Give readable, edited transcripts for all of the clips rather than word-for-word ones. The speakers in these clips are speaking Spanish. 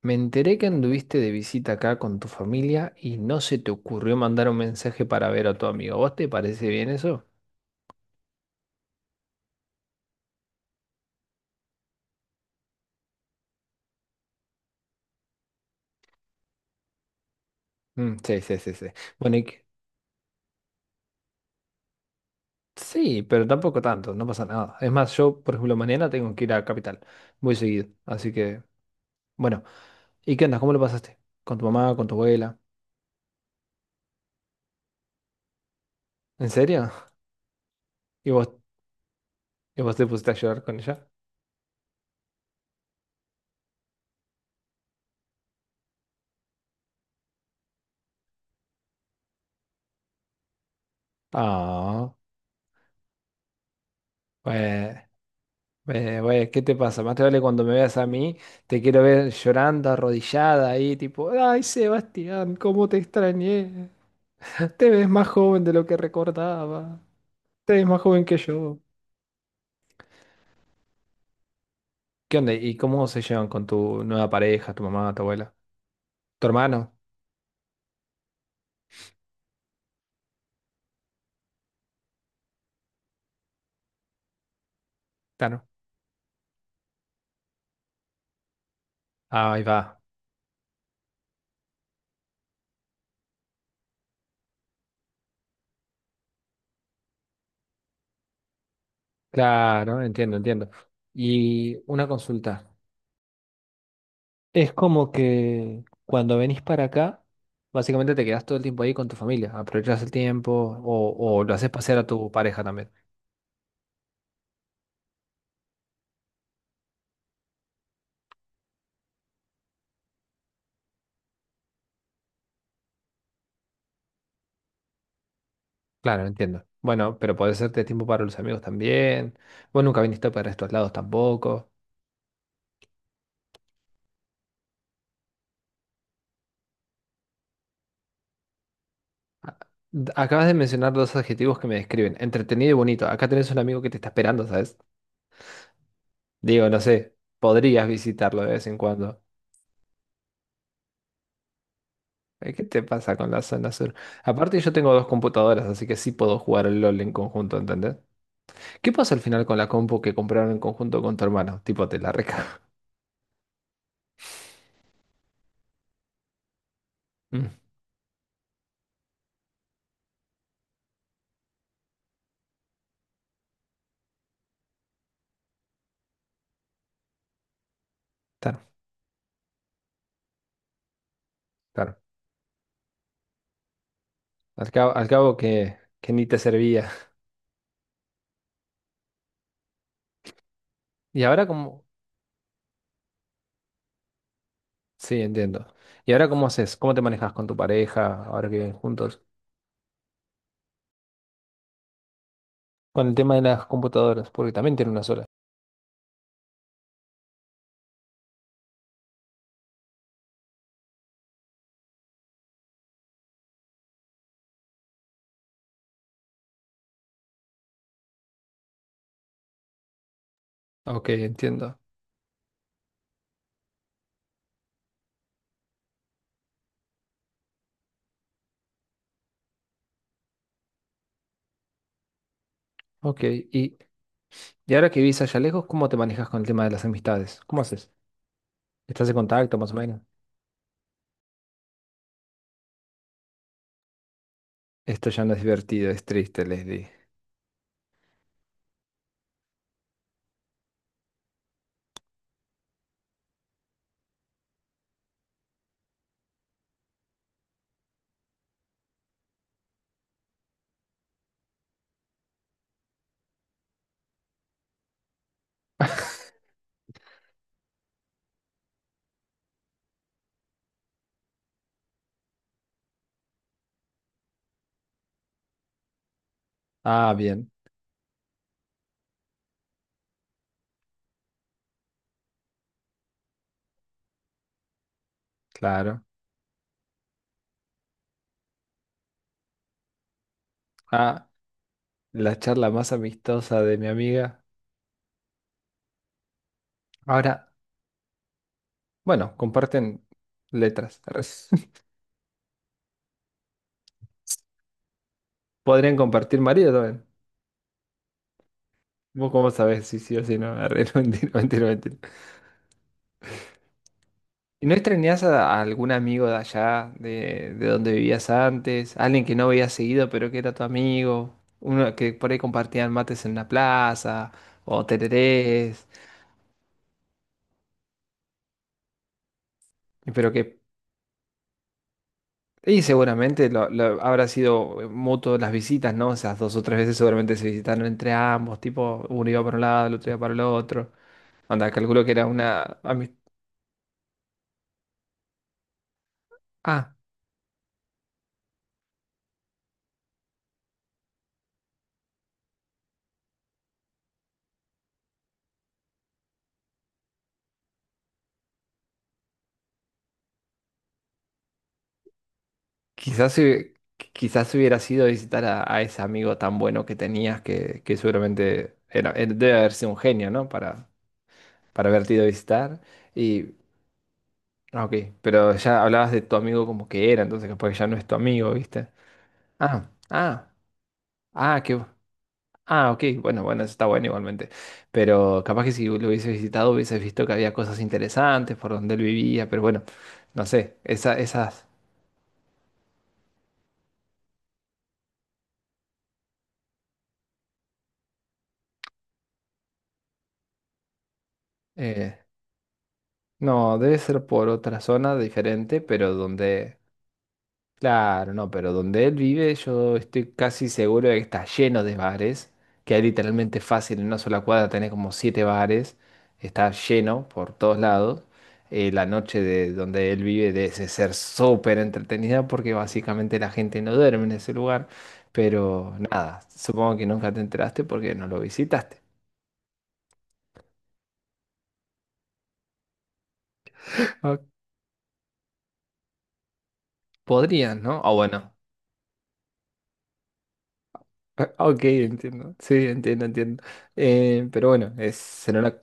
Me enteré que anduviste de visita acá con tu familia y no se te ocurrió mandar un mensaje para ver a tu amigo. ¿Vos te parece bien eso? Mm, sí, sí, sí, sí. Bueno, sí, pero tampoco tanto, no pasa nada. Es más, yo, por ejemplo, mañana tengo que ir a Capital. Voy seguido, así que, bueno. ¿Y qué andas? ¿Cómo lo pasaste? ¿Con tu mamá, con tu abuela? ¿En serio? ¿Y vos, y vos te pusiste a llorar con ella? Ah, bueno. Güey, ¿qué te pasa? Más te vale cuando me veas a mí, te quiero ver llorando, arrodillada ahí, tipo, ay, Sebastián, cómo te extrañé. Te ves más joven de lo que recordaba. Te ves más joven que yo. ¿Qué onda? ¿Y cómo se llevan con tu nueva pareja, tu mamá, tu abuela? ¿Tu hermano? Claro. Ah, ahí va. Claro, entiendo, entiendo. Y una consulta. Es como que cuando venís para acá, básicamente te quedas todo el tiempo ahí con tu familia, aprovechas el tiempo o lo haces pasear a tu pareja también. Claro, entiendo. Bueno, pero podés hacerte tiempo para los amigos también. Vos nunca viniste para estos lados tampoco. A- Acabas de mencionar dos adjetivos que me describen, entretenido y bonito. Acá tenés un amigo que te está esperando, ¿sabes? Digo, no sé, podrías visitarlo de vez en cuando. ¿Qué te pasa con la zona sur? Aparte, yo tengo dos computadoras, así que sí puedo jugar al LOL en conjunto, ¿entendés? ¿Qué pasó al final con la compu que compraron en conjunto con tu hermano? Tipo, te la reca. Mm, claro, claro. Al cabo que ni te servía. Y ahora cómo... Sí, entiendo. ¿Y ahora cómo haces? ¿Cómo te manejas con tu pareja ahora que viven juntos? Con el tema de las computadoras, porque también tiene una sola. Ok, entiendo. Ok, y, y ahora que vivís allá lejos, ¿cómo te manejas con el tema de las amistades? ¿Cómo haces? ¿Estás en contacto más o menos? Esto ya no es divertido, es triste, Leslie. Ah, bien, claro. Ah, la charla más amistosa de mi amiga. Ahora, bueno, comparten letras. Arre. Podrían compartir marido también. ¿Vos cómo sabés si sí o si no? Arre, no, mentira, mentira, mentira. ¿Y no extrañás a algún amigo de allá, de donde vivías antes? Alguien que no veías seguido, pero que era tu amigo. Uno que por ahí compartían mates en la plaza, o tererés, pero que... Y seguramente habrá sido mutuo las visitas, ¿no? O sea, dos o tres veces seguramente se visitaron entre ambos, tipo, uno iba para un lado, el otro iba para el otro. Anda, calculo que era una... Ah, quizás, hu- quizás hubiera sido visitar a ese amigo tan bueno que tenías, que seguramente era, él debe haber sido un genio, ¿no? Para haberte ido a visitar. Y, ah, ok, pero ya hablabas de tu amigo como que era, entonces capaz que ya no es tu amigo, ¿viste? Ah, ah, ah, qué... bu- Ah, ok, bueno, bueno, eso está bueno igualmente. Pero capaz que si lo hubieses visitado hubieses visto que había cosas interesantes por donde él vivía, pero bueno, no sé, esas... eh, No, debe ser por otra zona diferente, pero donde... Claro, no, pero donde él vive yo estoy casi seguro de que está lleno de bares, que hay literalmente fácil en una sola cuadra tenés como siete bares, está lleno por todos lados. La noche de donde él vive debe ser súper entretenida porque básicamente la gente no duerme en ese lugar, pero nada, supongo que nunca te enteraste porque no lo visitaste. Ah, podrías, ¿no? O bueno, ah, ok, entiendo. Sí, entiendo, entiendo. Pero bueno, es, será una...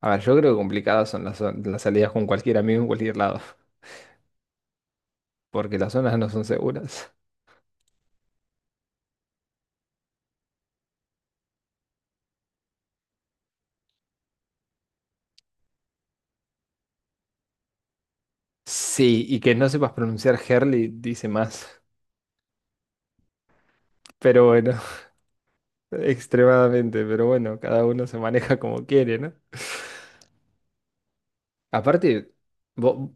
A ver, yo creo que complicadas son las salidas con cualquier amigo en cualquier lado, porque las zonas no son seguras. Sí, y que no sepas pronunciar Herli dice más. Pero bueno, extremadamente, pero bueno, cada uno se maneja como quiere, ¿no? Aparte, vo-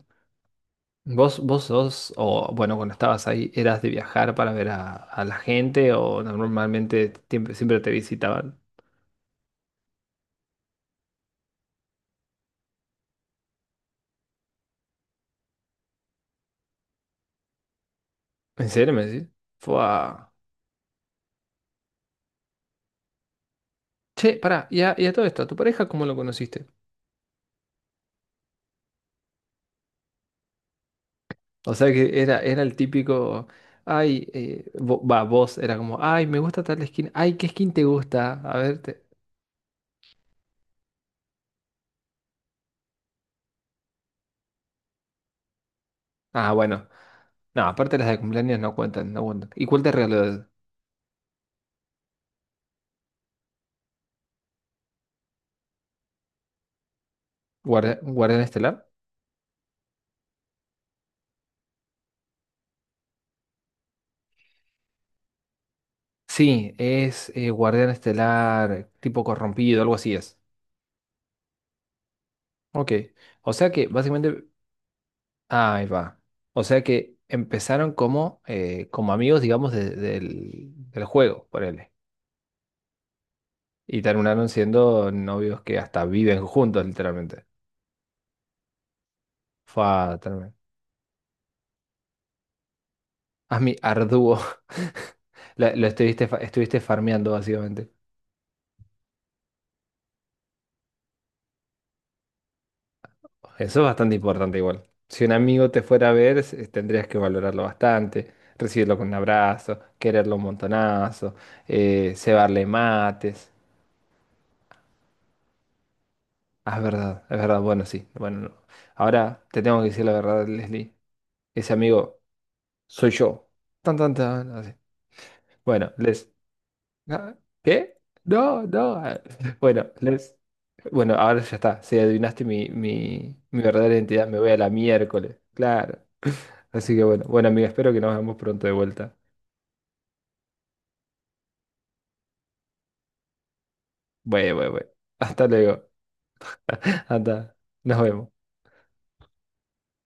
vos sos, o bueno, cuando estabas ahí, ¿eras de viajar para ver a la gente o normalmente siempre te visitaban? ¿En serio me decís? Fua. Che, pará, y a todo esto, ¿a tu pareja cómo lo conociste? O sea que era, era el típico, ay, vos era como, ay, me gusta tal skin, ay, ¿qué skin te gusta? A ver, te- Ah, bueno, no, aparte las de cumpleaños no cuentan, no cuentan. ¿Y cuál te regaló? ¿Guardián Estelar? Sí, es Guardián Estelar tipo corrompido, algo así es. Ok, o sea que básicamente ahí va. O sea que empezaron como, como amigos, digamos, del juego, ponele. Y terminaron siendo novios que hasta viven juntos, literalmente. Fue tremendo. A arduo. Estuviste farmeando, básicamente. Eso es bastante importante igual. Si un amigo te fuera a ver, tendrías que valorarlo bastante, recibirlo con un abrazo, quererlo un montonazo, cebarle mates. Ah, es verdad, es verdad. Bueno, sí. Bueno, no. Ahora te tengo que decir la verdad, Leslie. Ese amigo soy yo. Tan, tan, tan. Así. Bueno, Les. Ah, ¿qué? No, no. Ah, bueno, Les. Bueno, ahora ya está. Si adivinaste mi verdadera identidad, me voy a la miércoles. Claro. Así que bueno, bueno, amiga, espero que nos veamos pronto de vuelta. Bueno, bueno, bueno. Hasta luego. Hasta. Nos vemos.